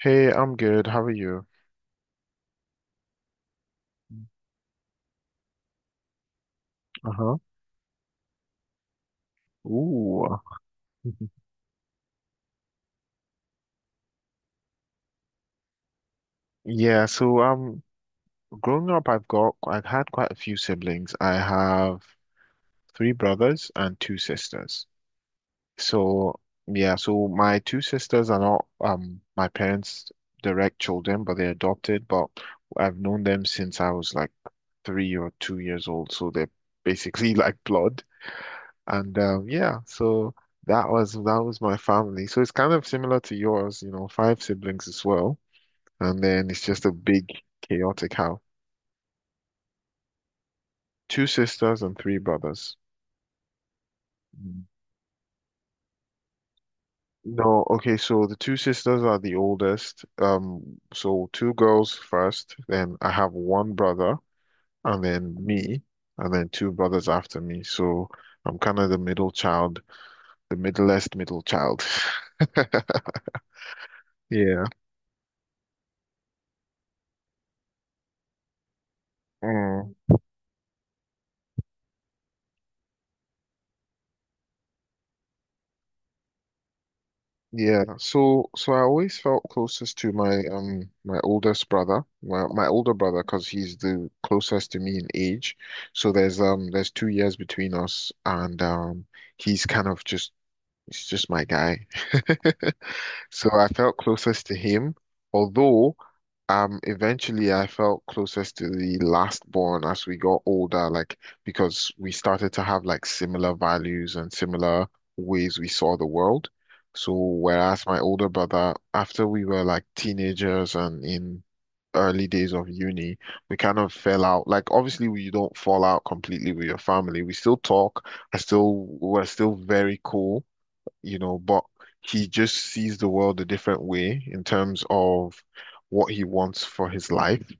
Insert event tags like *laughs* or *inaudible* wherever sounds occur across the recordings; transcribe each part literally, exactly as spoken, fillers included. Hey, I'm good. How are you? Uh-huh. Ooh. *laughs* Yeah, so um growing up I've got I've had quite a few siblings. I have three brothers and two sisters. So yeah, so my two sisters are not um my parents' direct children, but they're adopted, but I've known them since I was like three or two years old, so they're basically *laughs* like blood. And um, yeah, so that was that was my family. So it's kind of similar to yours, you know, five siblings as well. And then it's just a big chaotic house. Two sisters and three brothers. Mm. No, okay, so the two sisters are the oldest. Um, so two girls first, then I have one brother, and then me, and then two brothers after me. So I'm kind of the middle child, the middlest middle child. *laughs* Yeah. Mm. Yeah, so so I always felt closest to my um my oldest brother, my my older brother, because he's the closest to me in age. So there's um there's two years between us, and um he's kind of just he's just my guy. *laughs* So I felt closest to him, although um eventually I felt closest to the last born as we got older, like because we started to have like similar values and similar ways we saw the world. So whereas my older brother, after we were like teenagers and in early days of uni, we kind of fell out. Like obviously we don't fall out completely with your family. We still talk. I still we're still very cool, you know, but he just sees the world a different way in terms of what he wants for his life.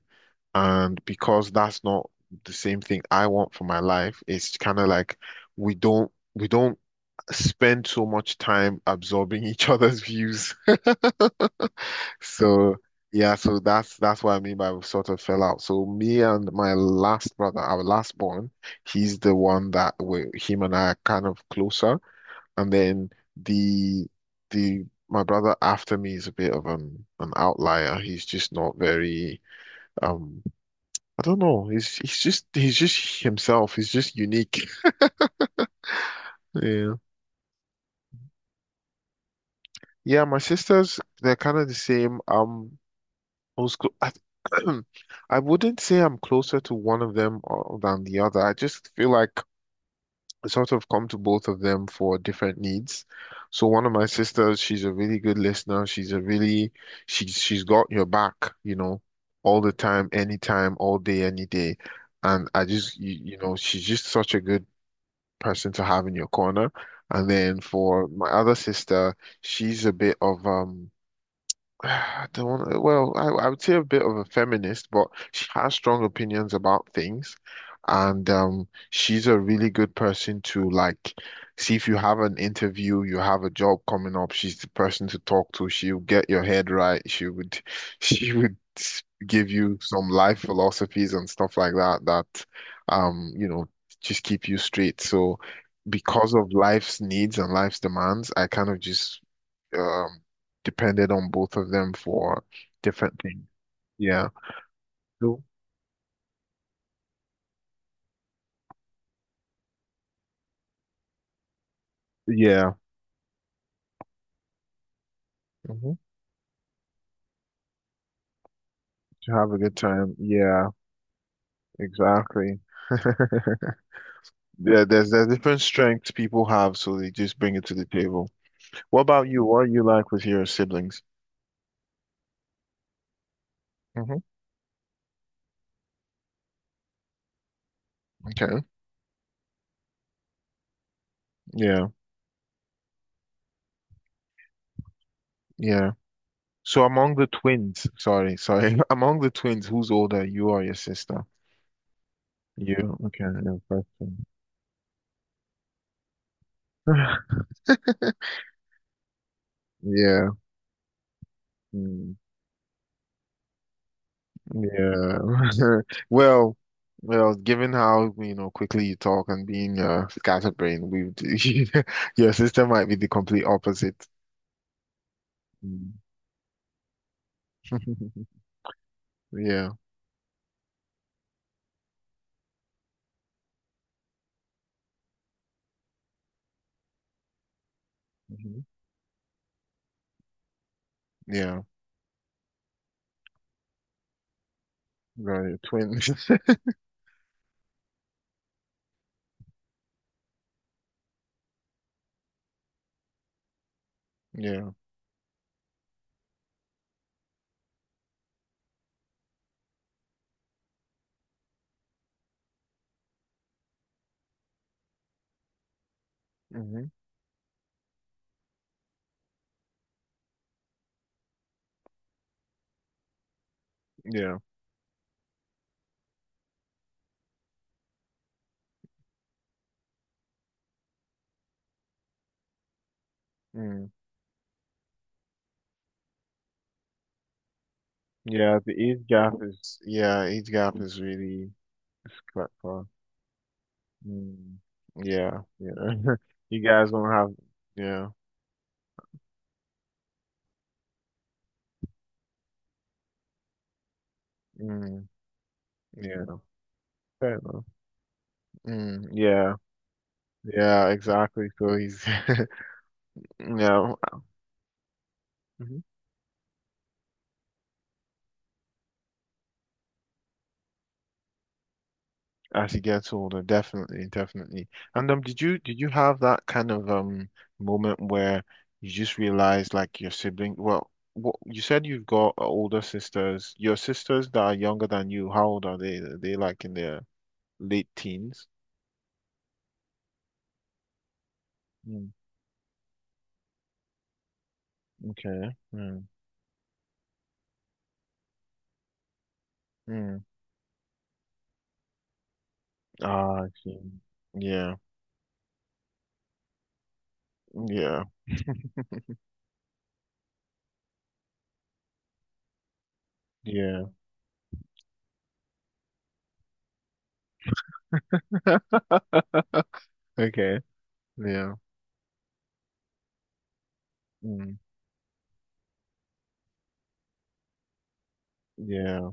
And because that's not the same thing I want for my life, it's kind of like we don't we don't spend so much time absorbing *laughs* each other's views. *laughs* So yeah, so that's that's what I mean by we sort of fell out. So me and my last brother, our last born, he's the one that we him and I are kind of closer, and then the the my brother after me is a bit of an an outlier. He's just not very um I don't know. He's he's just he's just himself. He's just unique. Yeah. Yeah, my sisters, they're kind of the same. Um I was clo- I, *clears throat* I wouldn't say I'm closer to one of them, uh, than the other. I just feel like sort of come to both of them for different needs. So one of my sisters, she's a really good listener. She's a really she's she's got your back, you know, all the time, anytime, all day, any day. And I just you, you know, she's just such a good person to have in your corner. And then for my other sister, she's a bit of um *sighs* I don't want well, I, I would say a bit of a feminist, but she has strong opinions about things. And um, she's a really good person to, like, see if you have an interview, you have a job coming up, she's the person to talk to. She'll get your head right. She would *laughs* she would s- give you some life philosophies and stuff like that that um, you know, just keep you straight. So because of life's needs and life's demands, I kind of just um, depended on both of them for different things. Yeah. So, yeah. Hmm. To have a good time. Yeah, exactly. *laughs* Yeah, there's there's different strengths people have, so they just bring it to the table. What about you? What are you like with your siblings? Hmm. Okay. Yeah. Yeah. So among the twins, sorry, sorry, *laughs* among the twins, who's older, you or your sister? You. Okay. Yeah. First one. *laughs* Yeah. Yeah. *laughs* Well, well, given how, you know, quickly you talk and being uh scatterbrained, we would- *laughs* your sister might be the complete opposite. Mm. *laughs* Yeah. Hmm. Yeah. Right. Twin. *laughs* Yeah. Hmm. Yeah. Mm. Yeah, the age gap is yeah, age gap is really quite far. Mm. Yeah, yeah. *laughs* You guys don't have yeah. Mm. Yeah. Fair enough. Mm. Yeah. Yeah, exactly. So he's, *laughs* you know, Mhm. as he gets older, definitely, definitely. And um, did you did you have that kind of um moment where you just realized like your sibling? Well, what you said, you've got older sisters. Your sisters that are younger than you, how old are they? Are they like in their late teens? Mm, okay. Mm, mm. Ah, I see. Yeah, yeah, yeah. Okay. Yeah. Mm, yeah.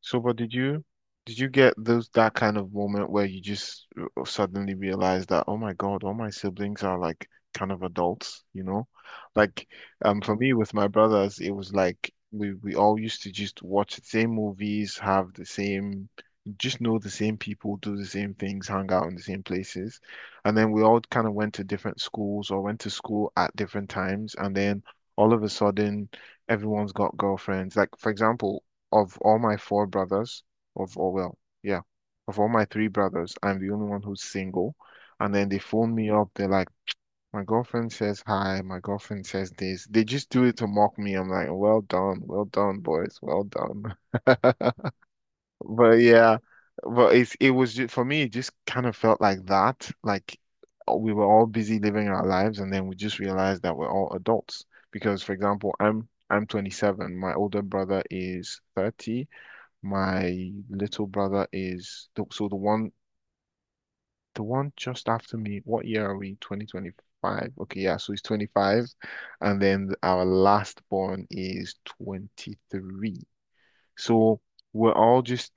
So, but did you did you get those that kind of moment where you just uh, suddenly realize that, oh my God, all my siblings are like kind of adults, you know? Like, um, for me with my brothers, it was like we we all used to just watch the same movies, have the same, just know the same people, do the same things, hang out in the same places, and then we all kind of went to different schools or went to school at different times, and then all of a sudden everyone's got girlfriends. Like, for example, of all my four brothers, of all, well, yeah, of all my three brothers, I'm the only one who's single. And then they phone me up. They're like, my girlfriend says hi, my girlfriend says this. They just do it to mock me. I'm like, well done, well done, boys, well done. *laughs* But yeah, but it's it was just, for me, it just kind of felt like that. Like uh, we were all busy living our lives, and then we just realized that we're all adults. Because, for example, I'm I'm twenty-seven, my older brother is thirty, my little brother is the- so the one the one just after me. What year are we? twenty twenty-five. Okay, yeah, so he's twenty-five. And then our last born is twenty-three. So we're all just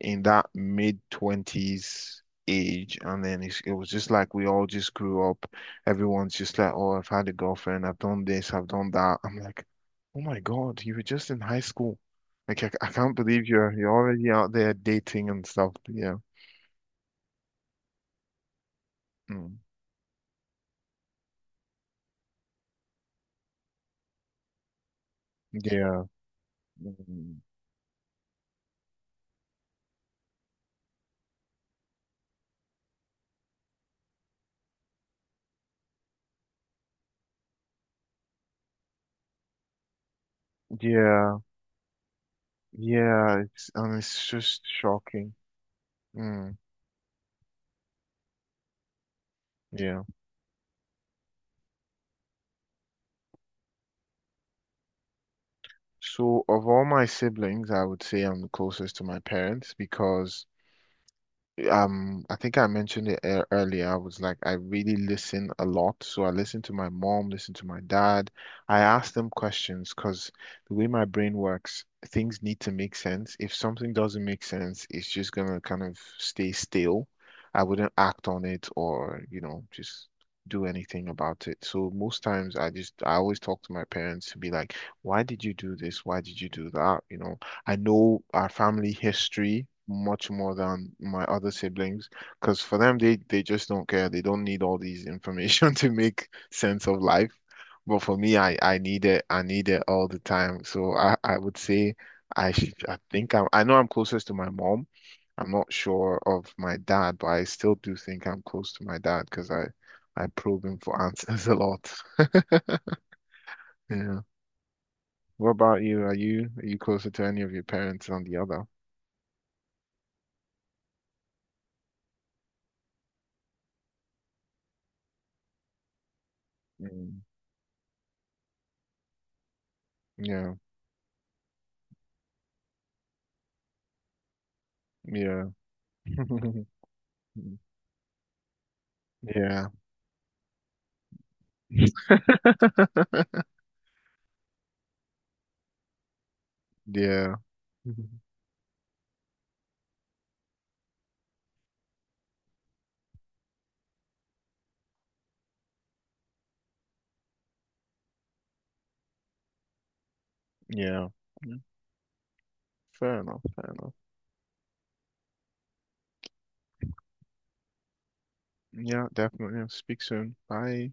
in that mid twenties age, and then it's, it was just like we all just grew up, everyone's just like, oh, I've had a girlfriend, I've done this, I've done that. I'm like, oh my God, you were just in high school. Like I, I can't believe you're you're already out there dating and stuff. Yeah. Mm. Yeah. Mm. Yeah. yeah it's, and it's just shocking. Mm. Yeah, so of all my siblings, I would say I'm the closest to my parents because um, I think I mentioned it ear- earlier. I was like, I really listen a lot. So I listen to my mom, listen to my dad. I ask them questions because the way my brain works, things need to make sense. If something doesn't make sense, it's just gonna kind of stay still. I wouldn't act on it or, you know, just do anything about it. So most times I just I always talk to my parents to be like, why did you do this? Why did you do that? You know, I know our family history much more than my other siblings because for them they they just don't care. They don't need all these information *laughs* to make sense of life. But for me, I I need it. I need it all the time. So I I would say I should, I think I'm I know I'm closest to my mom. I'm not sure of my dad, but I still do think I'm close to my dad because I I probe him for answers *laughs* a lot. Yeah. What about you? Are you are you closer to any of your parents than the other? Mm. Yeah, yeah, *laughs* yeah, yeah, Mhm. yeah. Yeah. Fair enough, fair enough. Yeah, definitely. I'll speak soon. Bye.